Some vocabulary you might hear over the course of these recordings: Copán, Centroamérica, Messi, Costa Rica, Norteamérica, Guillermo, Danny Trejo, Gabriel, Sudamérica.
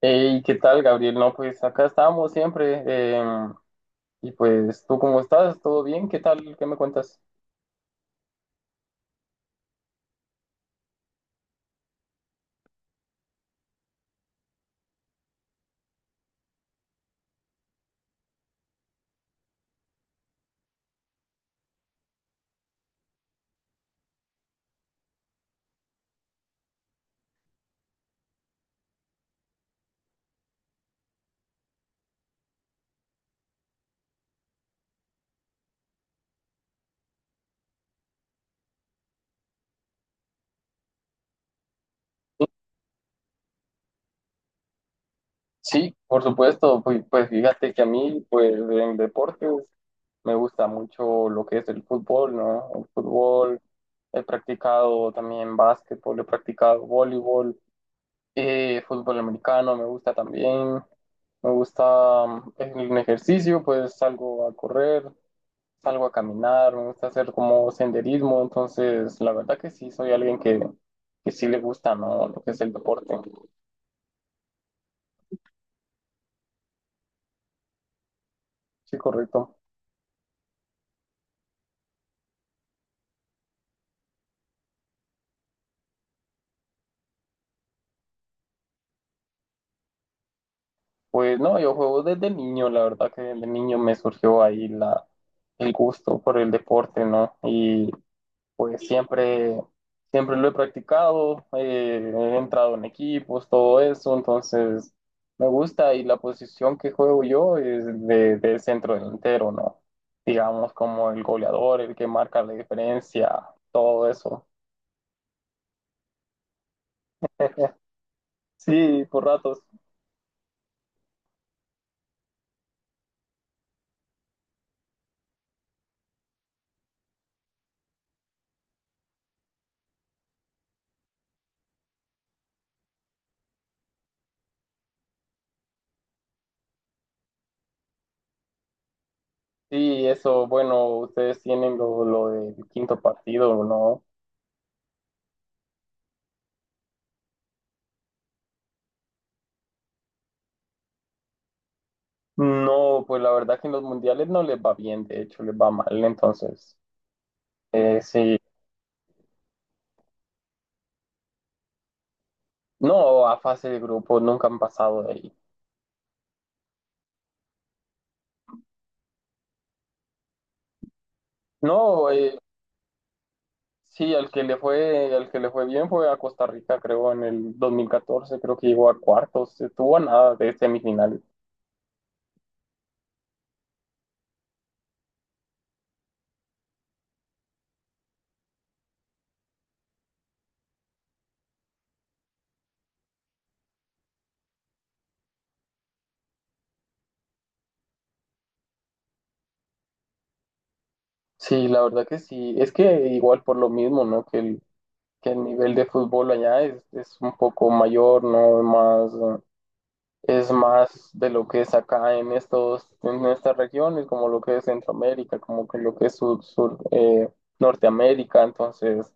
Hey, ¿qué tal, Gabriel? No, pues acá estamos siempre. em, y pues, ¿tú cómo estás? ¿Todo bien? ¿Qué tal? ¿Qué me cuentas? Sí, por supuesto. Pues fíjate que a mí, pues en deportes, me gusta mucho lo que es el fútbol, ¿no? El fútbol, he practicado también básquetbol, he practicado voleibol, fútbol americano, me gusta también. Me gusta en el ejercicio, pues salgo a correr. Salgo a caminar, me gusta hacer como senderismo, entonces la verdad que sí, soy alguien que sí le gusta, ¿no? Lo que es el deporte. Sí, correcto. Pues no, yo juego desde niño, la verdad que desde niño me surgió ahí la, el gusto por el deporte, ¿no? Y pues siempre, siempre lo he practicado, he entrado en equipos, todo eso, entonces me gusta y la posición que juego yo es de centro delantero, ¿no? Digamos como el goleador, el que marca la diferencia, todo eso. Sí, por ratos. Sí, eso, bueno, ustedes tienen lo del quinto partido, ¿no? No, pues la verdad que en los mundiales no les va bien, de hecho les va mal, entonces, sí. No, a fase de grupo nunca han pasado de ahí. No, sí, al que le fue bien fue a Costa Rica, creo, en el 2014, creo que llegó a cuartos, estuvo a nada de semifinales. Sí, la verdad que sí. Es que igual por lo mismo, ¿no? Que el nivel de fútbol allá es un poco mayor, ¿no? Más, es más de lo que es acá en estas regiones, como lo que es Centroamérica, como que lo que es sur, Norteamérica, entonces.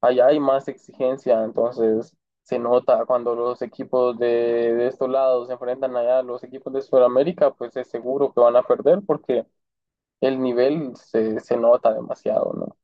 Allá hay más exigencia, entonces se nota cuando los equipos de estos lados se enfrentan allá a los equipos de Sudamérica, pues es seguro que van a perder porque el nivel se nota demasiado, ¿no?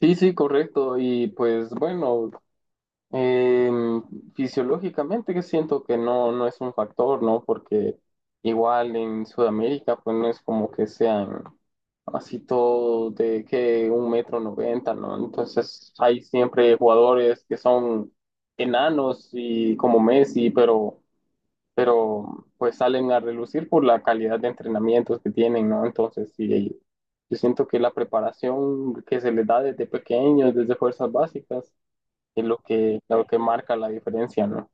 Sí, sí, correcto. Y pues bueno, Em, fisiológicamente que siento que no es un factor, ¿no? Porque igual en Sudamérica, pues no es como que sean así todo de que un metro noventa, ¿no? Entonces hay siempre jugadores que son enanos y como Messi, pero pues salen a relucir por la calidad de entrenamientos que tienen, ¿no? Entonces sí, yo siento que la preparación que se les da desde pequeños, desde fuerzas básicas, es lo que marca la diferencia, ¿no?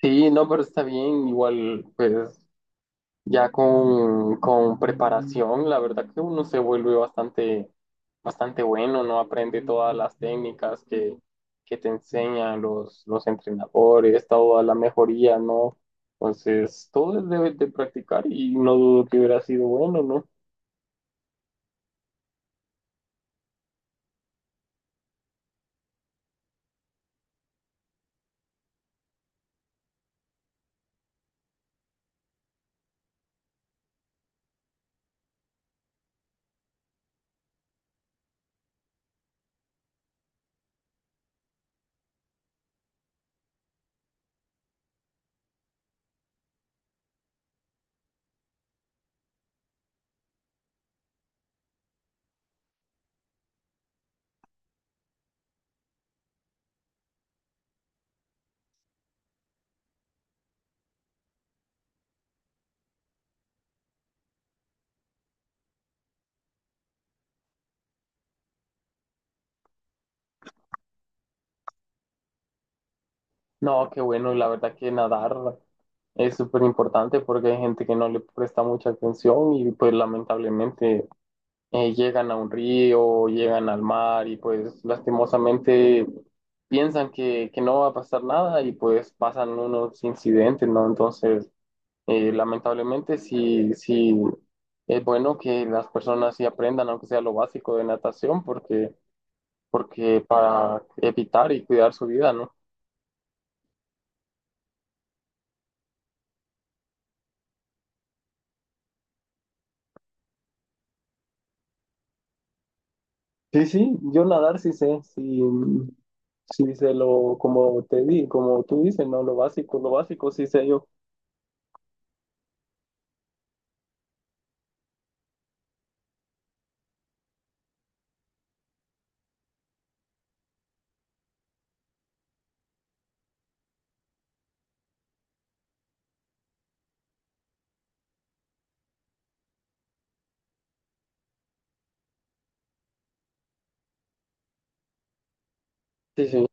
Sí, no, pero está bien, igual, pues ya con preparación, la verdad que uno se vuelve bastante, bastante bueno, ¿no? Aprende todas las técnicas que te enseñan los entrenadores, toda la mejoría, ¿no? Entonces, todo es de practicar y no dudo que hubiera sido bueno, ¿no? No, qué bueno, y la verdad que nadar es súper importante porque hay gente que no le presta mucha atención y pues lamentablemente llegan a un río, llegan al mar y pues lastimosamente piensan que no va a pasar nada y pues pasan unos incidentes, ¿no? Entonces, lamentablemente sí, sí es bueno que las personas sí aprendan, aunque sea lo básico de natación, porque para evitar y cuidar su vida, ¿no? Sí, sí, yo nadar sí sé, sí, sí sé lo, como tú dices, ¿no? Lo básico sí sé yo. Sí, sí,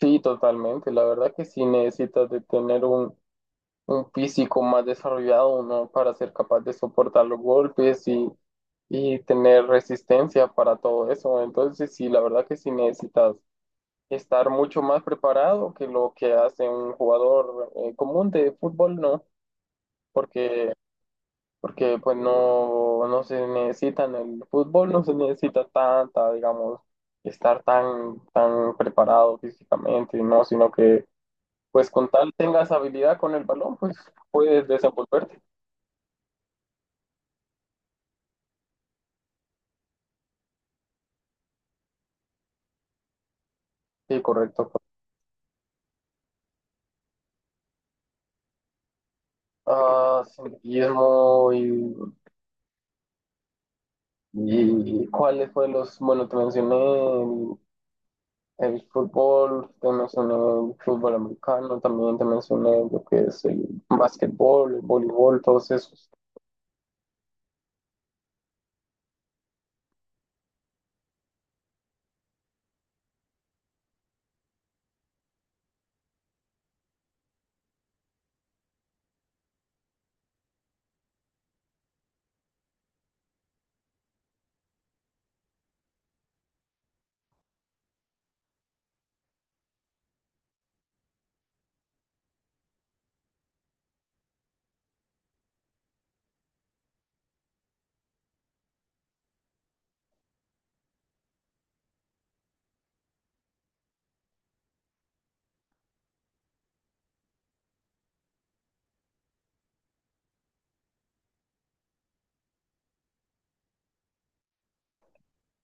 sí, totalmente. La verdad que sí necesitas de tener un físico más desarrollado, ¿no? Para ser capaz de soportar los golpes y tener resistencia para todo eso. Entonces, sí, la verdad que sí necesitas estar mucho más preparado que lo que hace un jugador común de fútbol, ¿no? Porque porque pues no se necesita en el fútbol, no se necesita tanta, digamos, estar tan preparado físicamente, ¿no? Sino que pues con tal tengas habilidad con el balón, pues puedes desenvolverte. Sí, correcto. Ah, sí, Guillermo, y cuáles fueron los, bueno, te mencioné el fútbol, te mencioné el fútbol americano, también te mencioné lo que es el básquetbol, el voleibol, todos esos.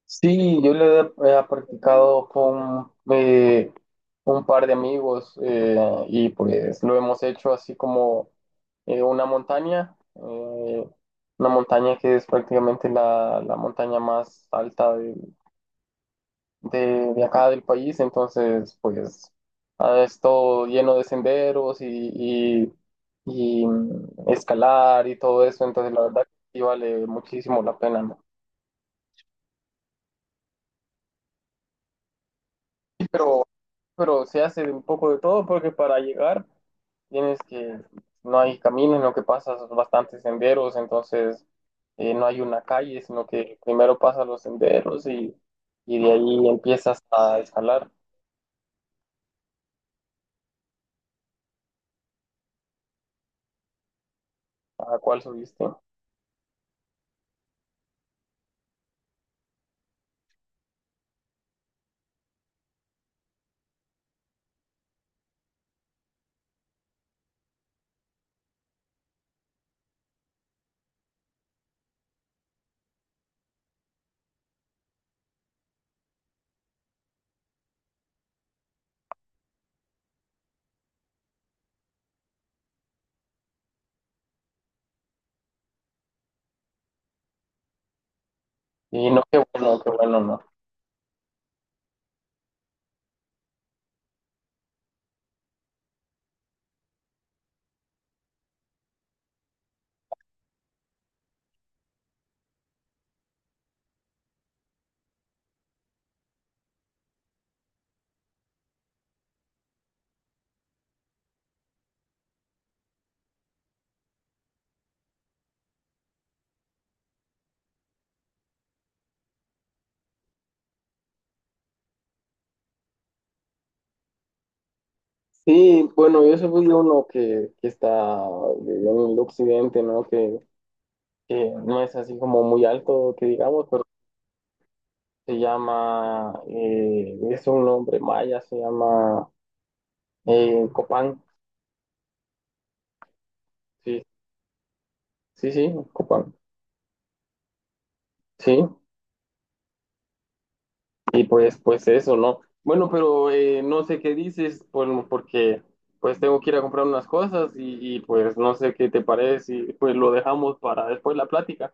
Sí, yo lo he, practicado con un par de amigos y pues lo hemos hecho así como eh, una montaña, eh, una montaña que es prácticamente la montaña más alta de acá del país, entonces pues es todo lleno de senderos y- y escalar y todo eso, entonces la verdad que sí vale muchísimo la pena, ¿no? Sí, pero se hace de un poco de todo porque para llegar tienes no hay caminos, lo que pasas bastantes senderos, entonces no hay una calle, sino que primero pasas los senderos y de ahí empiezas a escalar. ¿A cuál subiste? Y no, qué bueno, no. Sí, bueno, yo subí uno que está en el occidente, ¿no? Que no es así como muy alto, que digamos, pero se llama, es un nombre maya, se llama Copán, sí, sí, sí, Copán, sí, y pues eso, ¿no? Bueno, pero no sé qué dices, pues, porque pues tengo que ir a comprar unas cosas y pues no sé qué te parece, y pues lo dejamos para después la plática.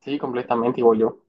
Sí, completamente, igual yo.